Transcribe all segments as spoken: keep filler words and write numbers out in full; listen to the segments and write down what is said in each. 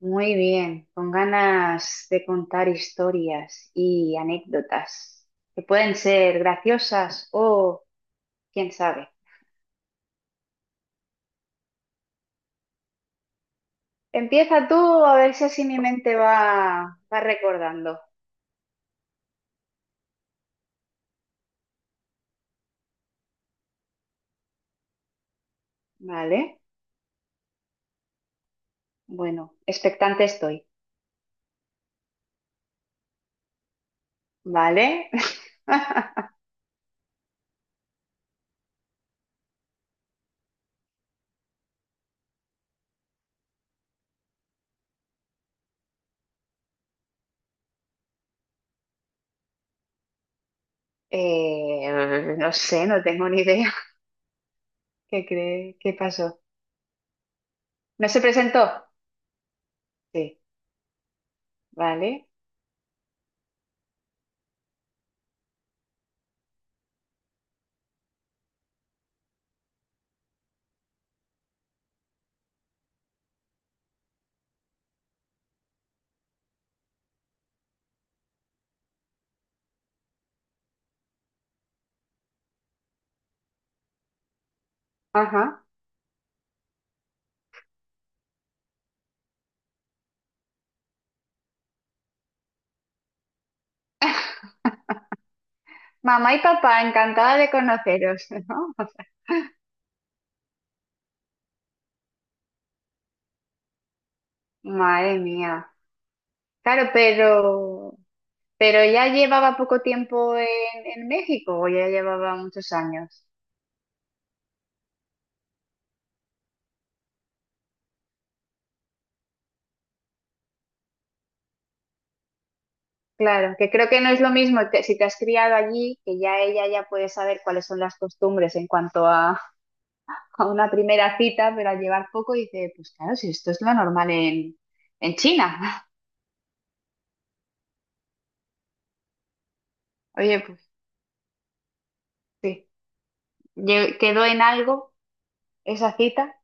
Muy bien, con ganas de contar historias y anécdotas que pueden ser graciosas o quién sabe. Empieza tú a ver si así mi mente va, va recordando. Vale, bueno, expectante estoy. Vale, Eh, no sé, no tengo ni idea. ¿Qué cree? ¿Qué pasó? ¿No se presentó? Sí, vale. Ajá. Mamá y papá, encantada de conoceros, ¿no? Madre mía. Claro, pero, pero ya llevaba poco tiempo en, en, México o ya llevaba muchos años. Claro, que creo que no es lo mismo que si te has criado allí, que ya ella ya puede saber cuáles son las costumbres en cuanto a, a una primera cita, pero al llevar poco dice, pues claro, si esto es lo normal en, en China. Oye, pues sí, Lle- quedó en algo esa cita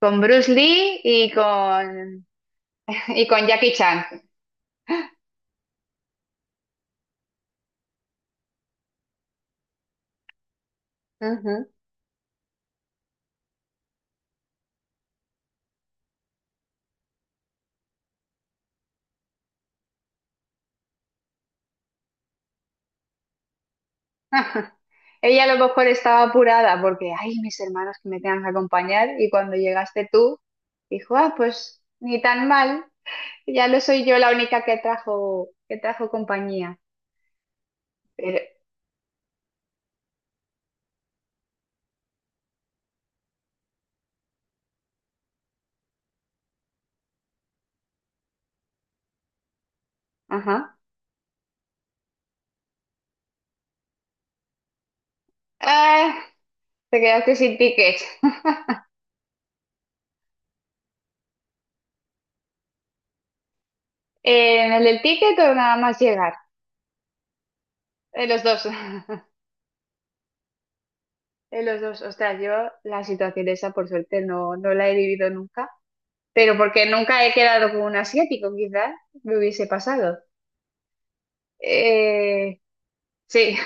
con Bruce Lee y con, y con Jackie Chan. Ajá. Ella a lo mejor estaba apurada porque, ay, mis hermanos que me tengan que acompañar y cuando llegaste tú, dijo, ah, pues ni tan mal, ya no soy yo la única que trajo, que trajo, compañía. Pero, ajá. Ah, te quedaste sin ticket. Eh, ¿En el del ticket o nada más llegar? En los dos. En los dos. Ostras, yo la situación esa por suerte no, no la he vivido nunca, pero porque nunca he quedado con un asiático, quizás me hubiese pasado. Eh, sí.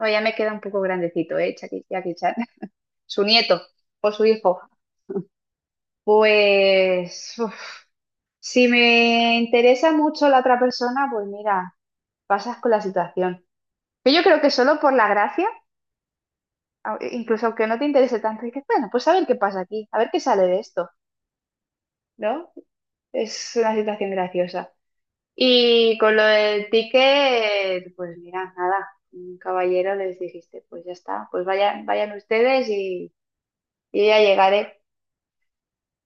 No, ya me queda un poco grandecito, ¿eh? Jackie, Jackie Chan. Su nieto o su hijo. Pues, uf, si me interesa mucho la otra persona, pues mira, pasas con la situación. Pero yo creo que solo por la gracia, a- incluso aunque no te interese tanto, dices, bueno, pues a ver qué pasa aquí, a ver qué sale de esto, ¿no? Es una situación graciosa. Y con lo del ticket, pues mira, nada, un caballero les dijiste, pues ya está, pues vayan, vayan ustedes y, y ya llegaré.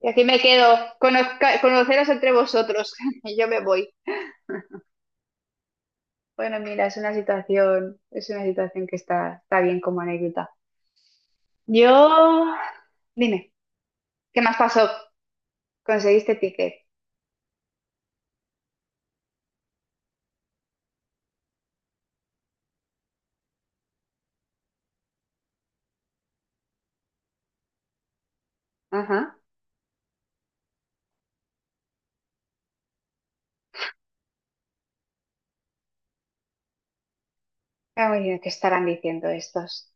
Y aquí me quedo, conozca- conoceros entre vosotros y yo me voy. Bueno, mira, es una situación, es una situación que está, está bien como anécdota. Yo, dime, ¿qué más pasó? ¿Conseguiste ticket? Ajá. Ah, muy bien, ¿qué estarán diciendo estos?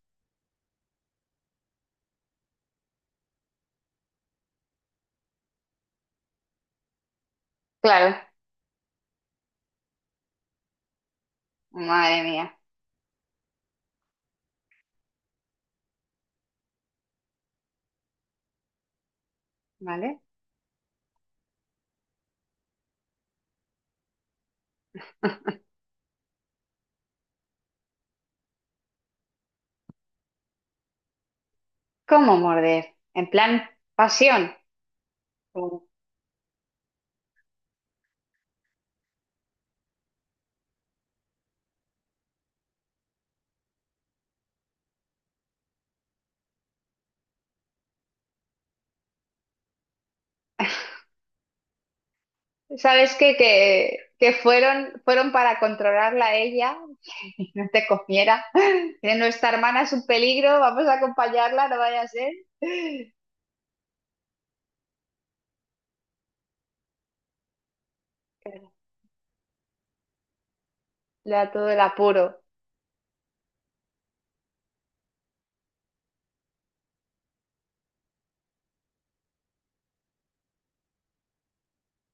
Claro, madre mía, ¿vale? ¿Cómo morder? En plan, pasión. ¿Sabes qué? Que, que fueron, fueron para controlarla a ella no te comiera. Que nuestra hermana es un peligro, vamos a acompañarla, no vaya a ser. Le da todo el apuro.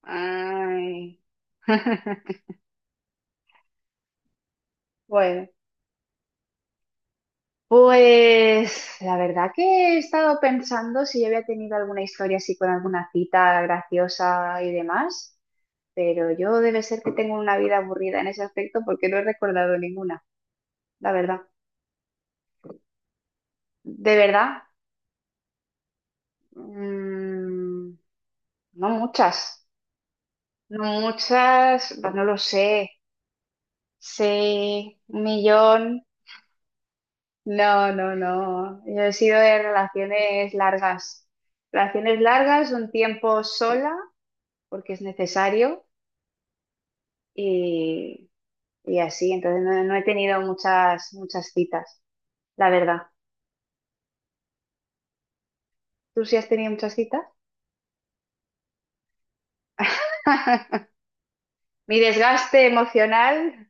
Ay. Bueno, pues la verdad que he estado pensando si yo había tenido alguna historia así con alguna cita graciosa y demás, pero yo debe ser que tengo una vida aburrida en ese aspecto porque no he recordado ninguna, la verdad. De verdad, mm, no muchas. No muchas, pues no lo sé. Sé un millón. No, no, no. Yo he sido de relaciones largas. Relaciones largas, un tiempo sola, porque es necesario, y, y así. Entonces no, no he tenido muchas, muchas citas, la verdad. ¿Tú sí has tenido muchas citas? Mi desgaste emocional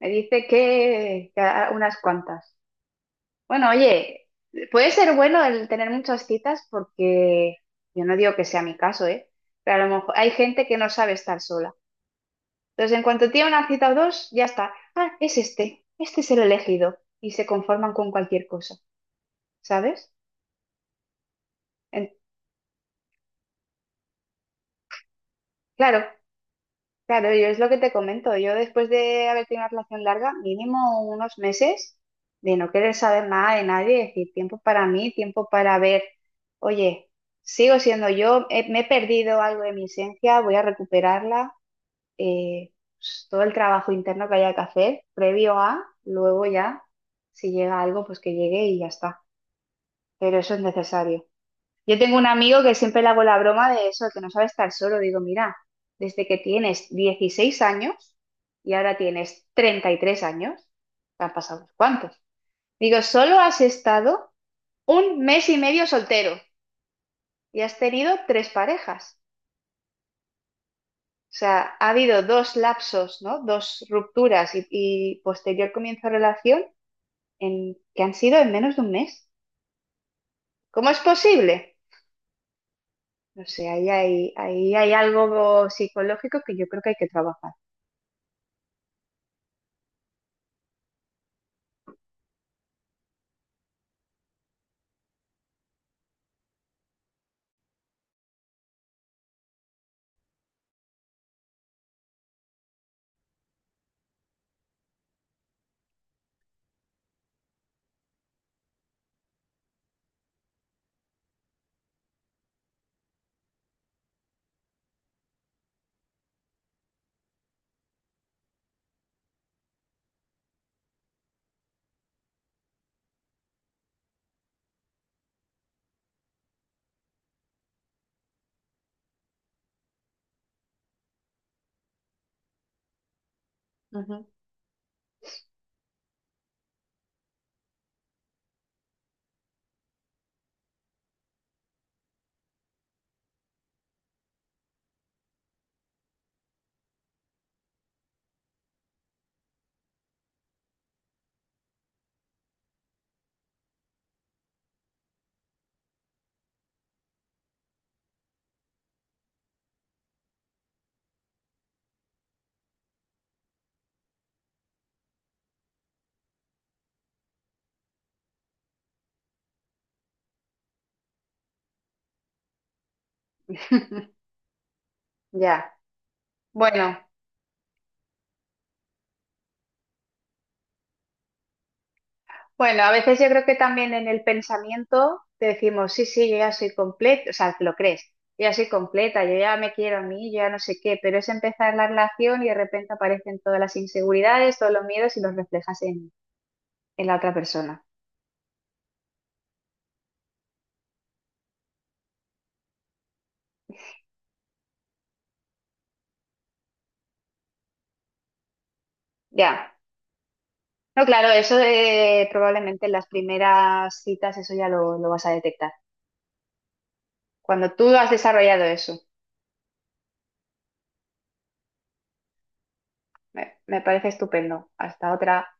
me dice que, que a- unas cuantas. Bueno, oye, puede ser bueno el tener muchas citas porque yo no digo que sea mi caso, ¿eh? Pero a lo mejor hay gente que no sabe estar sola. Entonces, en cuanto tiene una cita o dos, ya está. Ah, es este, este es el elegido. Y se conforman con cualquier cosa, ¿sabes? En- claro, claro, yo es lo que te comento. Yo después de haber tenido una relación larga, mínimo unos meses de no querer saber nada de nadie, es decir, tiempo para mí, tiempo para ver, oye, sigo siendo yo, he- me he perdido algo de mi esencia, voy a recuperarla, eh, pues, todo el trabajo interno que haya que hacer, previo a, luego ya, si llega algo, pues que llegue y ya está. Pero eso es necesario. Yo tengo un amigo que siempre le hago la broma de eso, que no sabe estar solo. Digo, mira, desde que tienes dieciséis años y ahora tienes treinta y tres años, te han pasado unos cuantos. Digo, solo has estado un mes y medio soltero y has tenido tres parejas. O sea, ha habido dos lapsos, ¿no? Dos rupturas y, y, posterior comienzo de relación en, que han sido en menos de un mes. ¿Cómo es posible? No sé, ahí hay, ahí hay algo psicológico que yo creo que hay que trabajar. Ujú. Ya. Bueno, bueno, a veces yo creo que también en el pensamiento te decimos, sí, sí, yo ya soy completa, o sea, te lo crees, yo ya soy completa, yo ya me quiero a mí, yo ya no sé qué, pero es empezar la relación y de repente aparecen todas las inseguridades, todos los miedos y los reflejas en, en, la otra persona. Ya. No, claro, eso eh, probablemente en las primeras citas eso ya lo, lo, vas a detectar. Cuando tú has desarrollado eso, me, me, parece estupendo. Hasta otra.